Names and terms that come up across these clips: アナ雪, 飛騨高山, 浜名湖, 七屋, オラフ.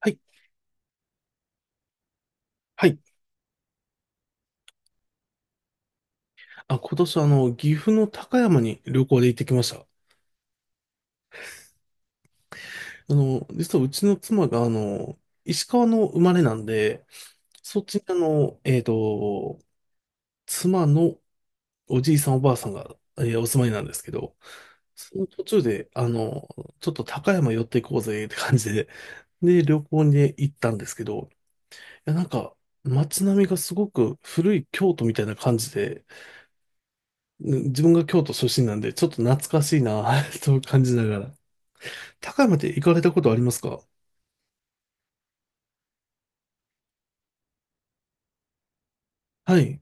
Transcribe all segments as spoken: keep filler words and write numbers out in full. はい。はい。あ、今年、あの、岐阜の高山に旅行で行ってきました。あの、実はうちの妻が、あの、石川の生まれなんで、そっちに、あの、えっと、妻のおじいさんおばあさんが、えーお住まいなんですけど、その途中で、あの、ちょっと高山寄っていこうぜって感じで、で、旅行に行ったんですけど、いや、なんか、街並みがすごく古い京都みたいな感じで、うん、自分が京都出身なんで、ちょっと懐かしいな と感じながら高山って行かれたことありますか？はい。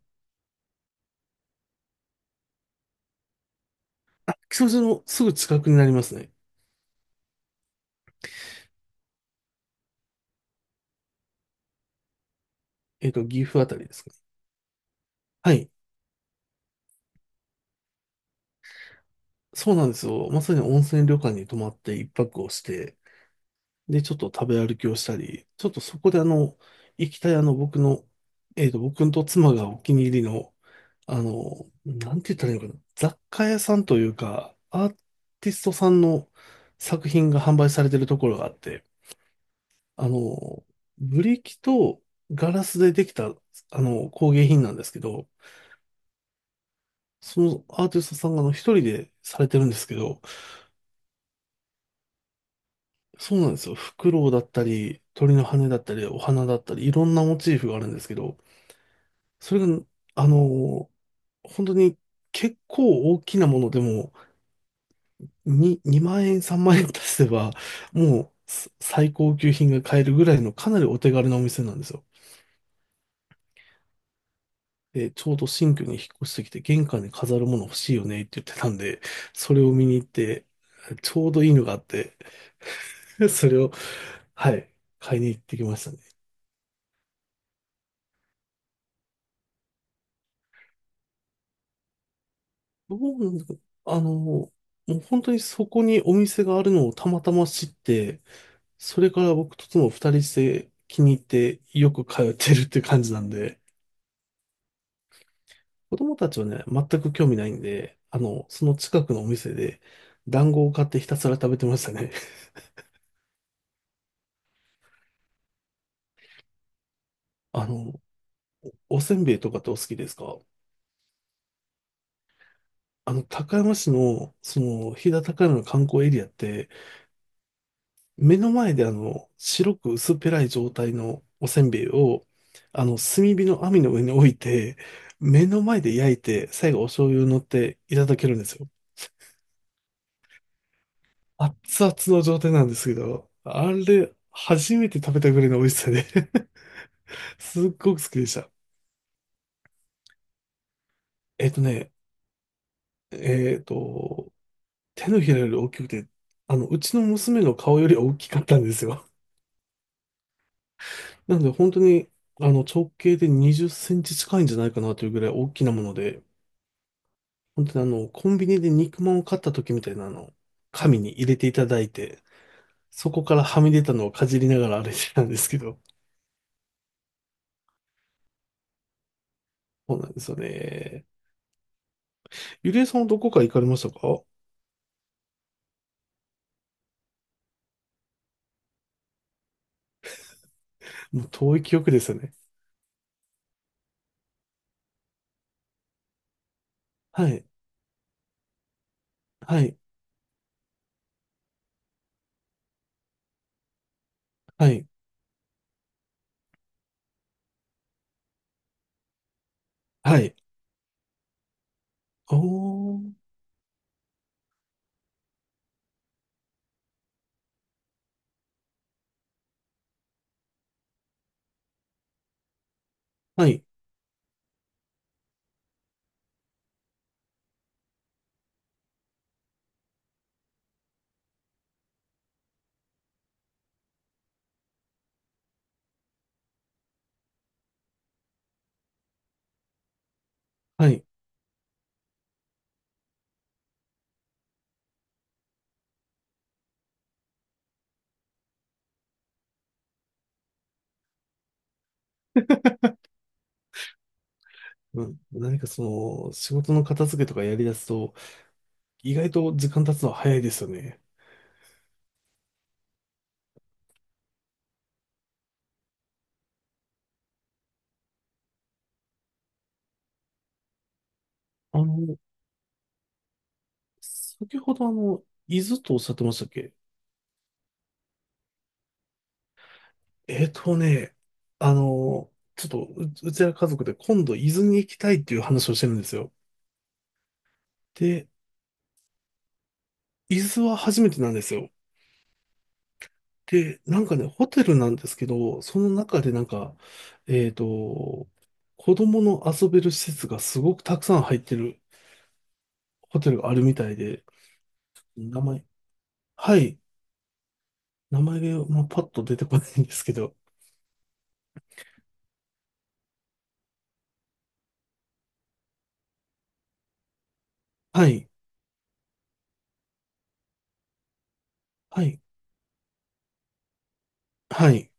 木曽路のすぐ近くになりますね。えっと、岐阜あたりですかね。はい。そうなんですよ。まさに温泉旅館に泊まって一泊をして、で、ちょっと食べ歩きをしたり、ちょっとそこであの、行きたいあの、僕の、えっと、僕と妻がお気に入りの、あの、なんて言ったらいいのかな。雑貨屋さんというか、アーティストさんの作品が販売されてるところがあって、あの、ブリキとガラスでできた、あの、工芸品なんですけど、そのアーティストさんがあの一人でされてるんですけど、そうなんですよ。フクロウだったり、鳥の羽だったり、お花だったり、いろんなモチーフがあるんですけど、それが、あの、本当に結構大きなものでも、2、2万円、さんまん円足せば、もうす最高級品が買えるぐらいのかなりお手軽なお店なんですよ。で、ちょうど新居に引っ越してきて、玄関に飾るもの欲しいよねって言ってたんで、それを見に行って、ちょうどいいのがあって、それを、はい、買いに行ってきましたね。どうなんだろうあの、もう本当にそこにお店があるのをたまたま知って、それから僕と妻二人して気に入ってよく通ってるっていう感じなんで、子供たちはね、全く興味ないんで、あの、その近くのお店で団子を買ってひたすら食べてましたね。あの、おせんべいとかってお好きですか？あの、高山市の、その、飛騨高山の観光エリアって、目の前であの、白く薄っぺらい状態のおせんべいを、あの、炭火の網の上に置いて、目の前で焼いて、最後お醤油を乗っていただけるんですよ。熱々の状態なんですけど、あれ、初めて食べたぐらいの美味しさで すっごく好きでした。えっとね、えっと、手のひらより大きくて、あの、うちの娘の顔より大きかったんですよ。なんで本当に、あの、直径でにじゅっセンチ近いんじゃないかなというぐらい大きなもので、本当にあの、コンビニで肉まんを買った時みたいなあの、紙に入れていただいて、そこからはみ出たのをかじりながら歩いてたんですけど、そうなんですよね。ゆりえさんはどこか行かれましたか？もう遠い記憶ですよね。はい、はい、はい、はい。おー、はい、はい。うん、何かその、仕事の片付けとかやりだすと、意外と時間経つのは早いですよね。あの、先ほどあの、伊豆とおっしゃってましたっけ？えーとね、あの、ちょっとう、うちら家族で今度伊豆に行きたいっていう話をしてるんですよ。で、伊豆は初めてなんですよ。で、なんかね、ホテルなんですけど、その中でなんか、えーと、子供の遊べる施設がすごくたくさん入ってるホテルがあるみたいで、名前、はい、名前が、まあ、パッと出てこないんですけど、はい、はい、はい、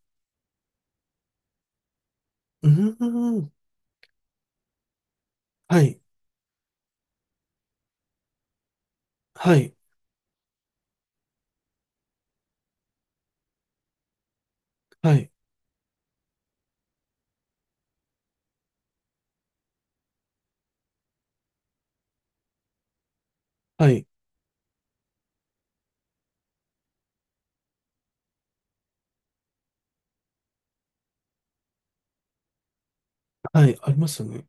うーん、はい、はい。はい、はい、はい、ありますよね。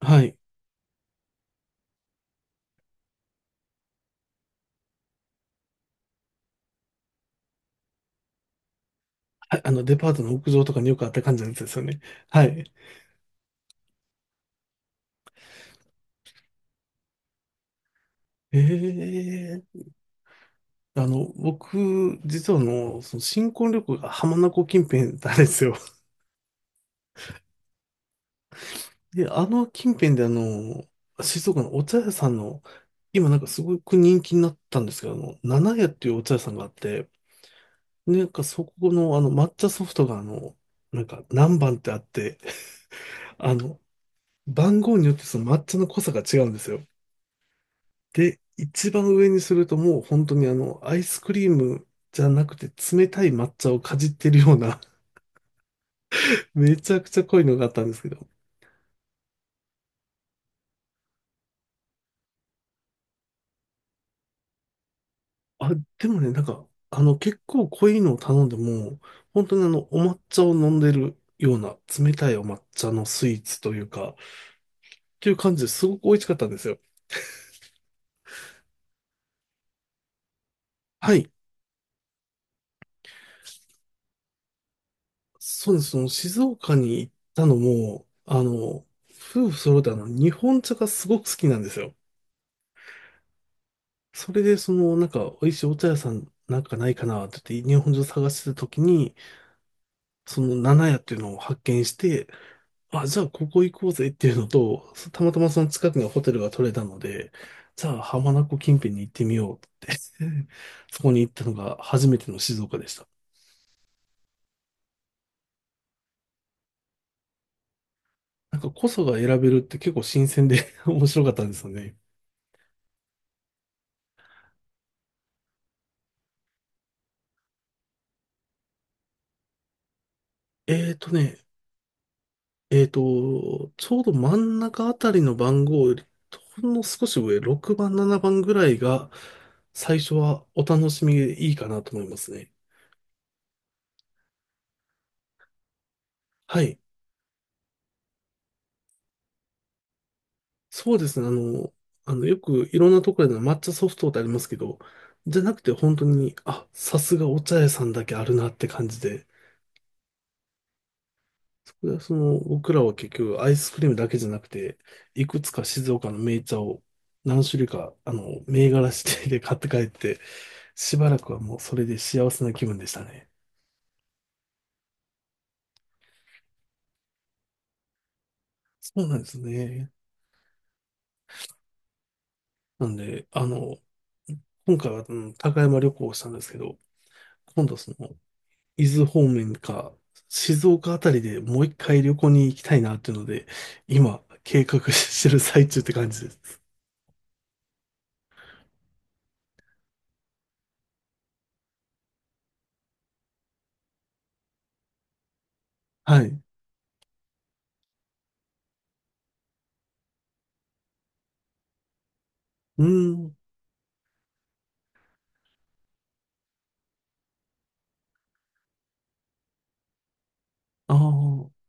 はい。はい、あの、デパートの屋上とかによくあった感じのやつですよね。はい。ええあの、僕、実はあの、その新婚旅行が浜名湖近辺なんですよ。で、あの近辺であの、静岡のお茶屋さんの、今なんかすごく人気になったんですけど、あの、七屋っていうお茶屋さんがあって、でなんかそこのあの抹茶ソフトがあの、なんか何番ってあって、あの、番号によってその抹茶の濃さが違うんですよ。で、一番上にするともう本当にあの、アイスクリームじゃなくて冷たい抹茶をかじってるような めちゃくちゃ濃いのがあったんですけど。あ、でもね、なんか、あの、結構濃いのを頼んでも、本当にあの、お抹茶を飲んでるような冷たいお抹茶のスイーツというか、っていう感じですごく美味しかったんですよ。はい。そうです。その静岡に行ったのも、あの、夫婦揃ってあの、日本茶がすごく好きなんですよ。それで、その、なんか、美味しいお茶屋さんなんかないかなって言って、日本中探してた時に、その、七屋っていうのを発見して、あ、じゃあ、ここ行こうぜっていうのと、そたまたまその近くにホテルが取れたので、じゃあ、浜名湖近辺に行ってみようって そこに行ったのが初めての静岡でした。なんか、こそが選べるって結構新鮮で 面白かったんですよね。えーとね、えっと、ちょうど真ん中あたりの番号より、ほんの少し上、ろくばん、ななばんぐらいが、最初はお楽しみでいいかなと思いますね。はい。そうですね。あの、あの、よくいろんなところで抹茶ソフトってありますけど、じゃなくて本当に、あ、さすがお茶屋さんだけあるなって感じで、そこでその、僕らは結局アイスクリームだけじゃなくて、いくつか静岡の銘茶を何種類か、あの、銘柄指定で買って帰って、しばらくはもうそれで幸せな気分でしたね。そうなんですね。なんで、あの、今回は、うん、高山旅行をしたんですけど、今度その、伊豆方面か、静岡あたりでもう一回旅行に行きたいなっていうので、今、計画してる最中って感じです。はい。うーん。ああ。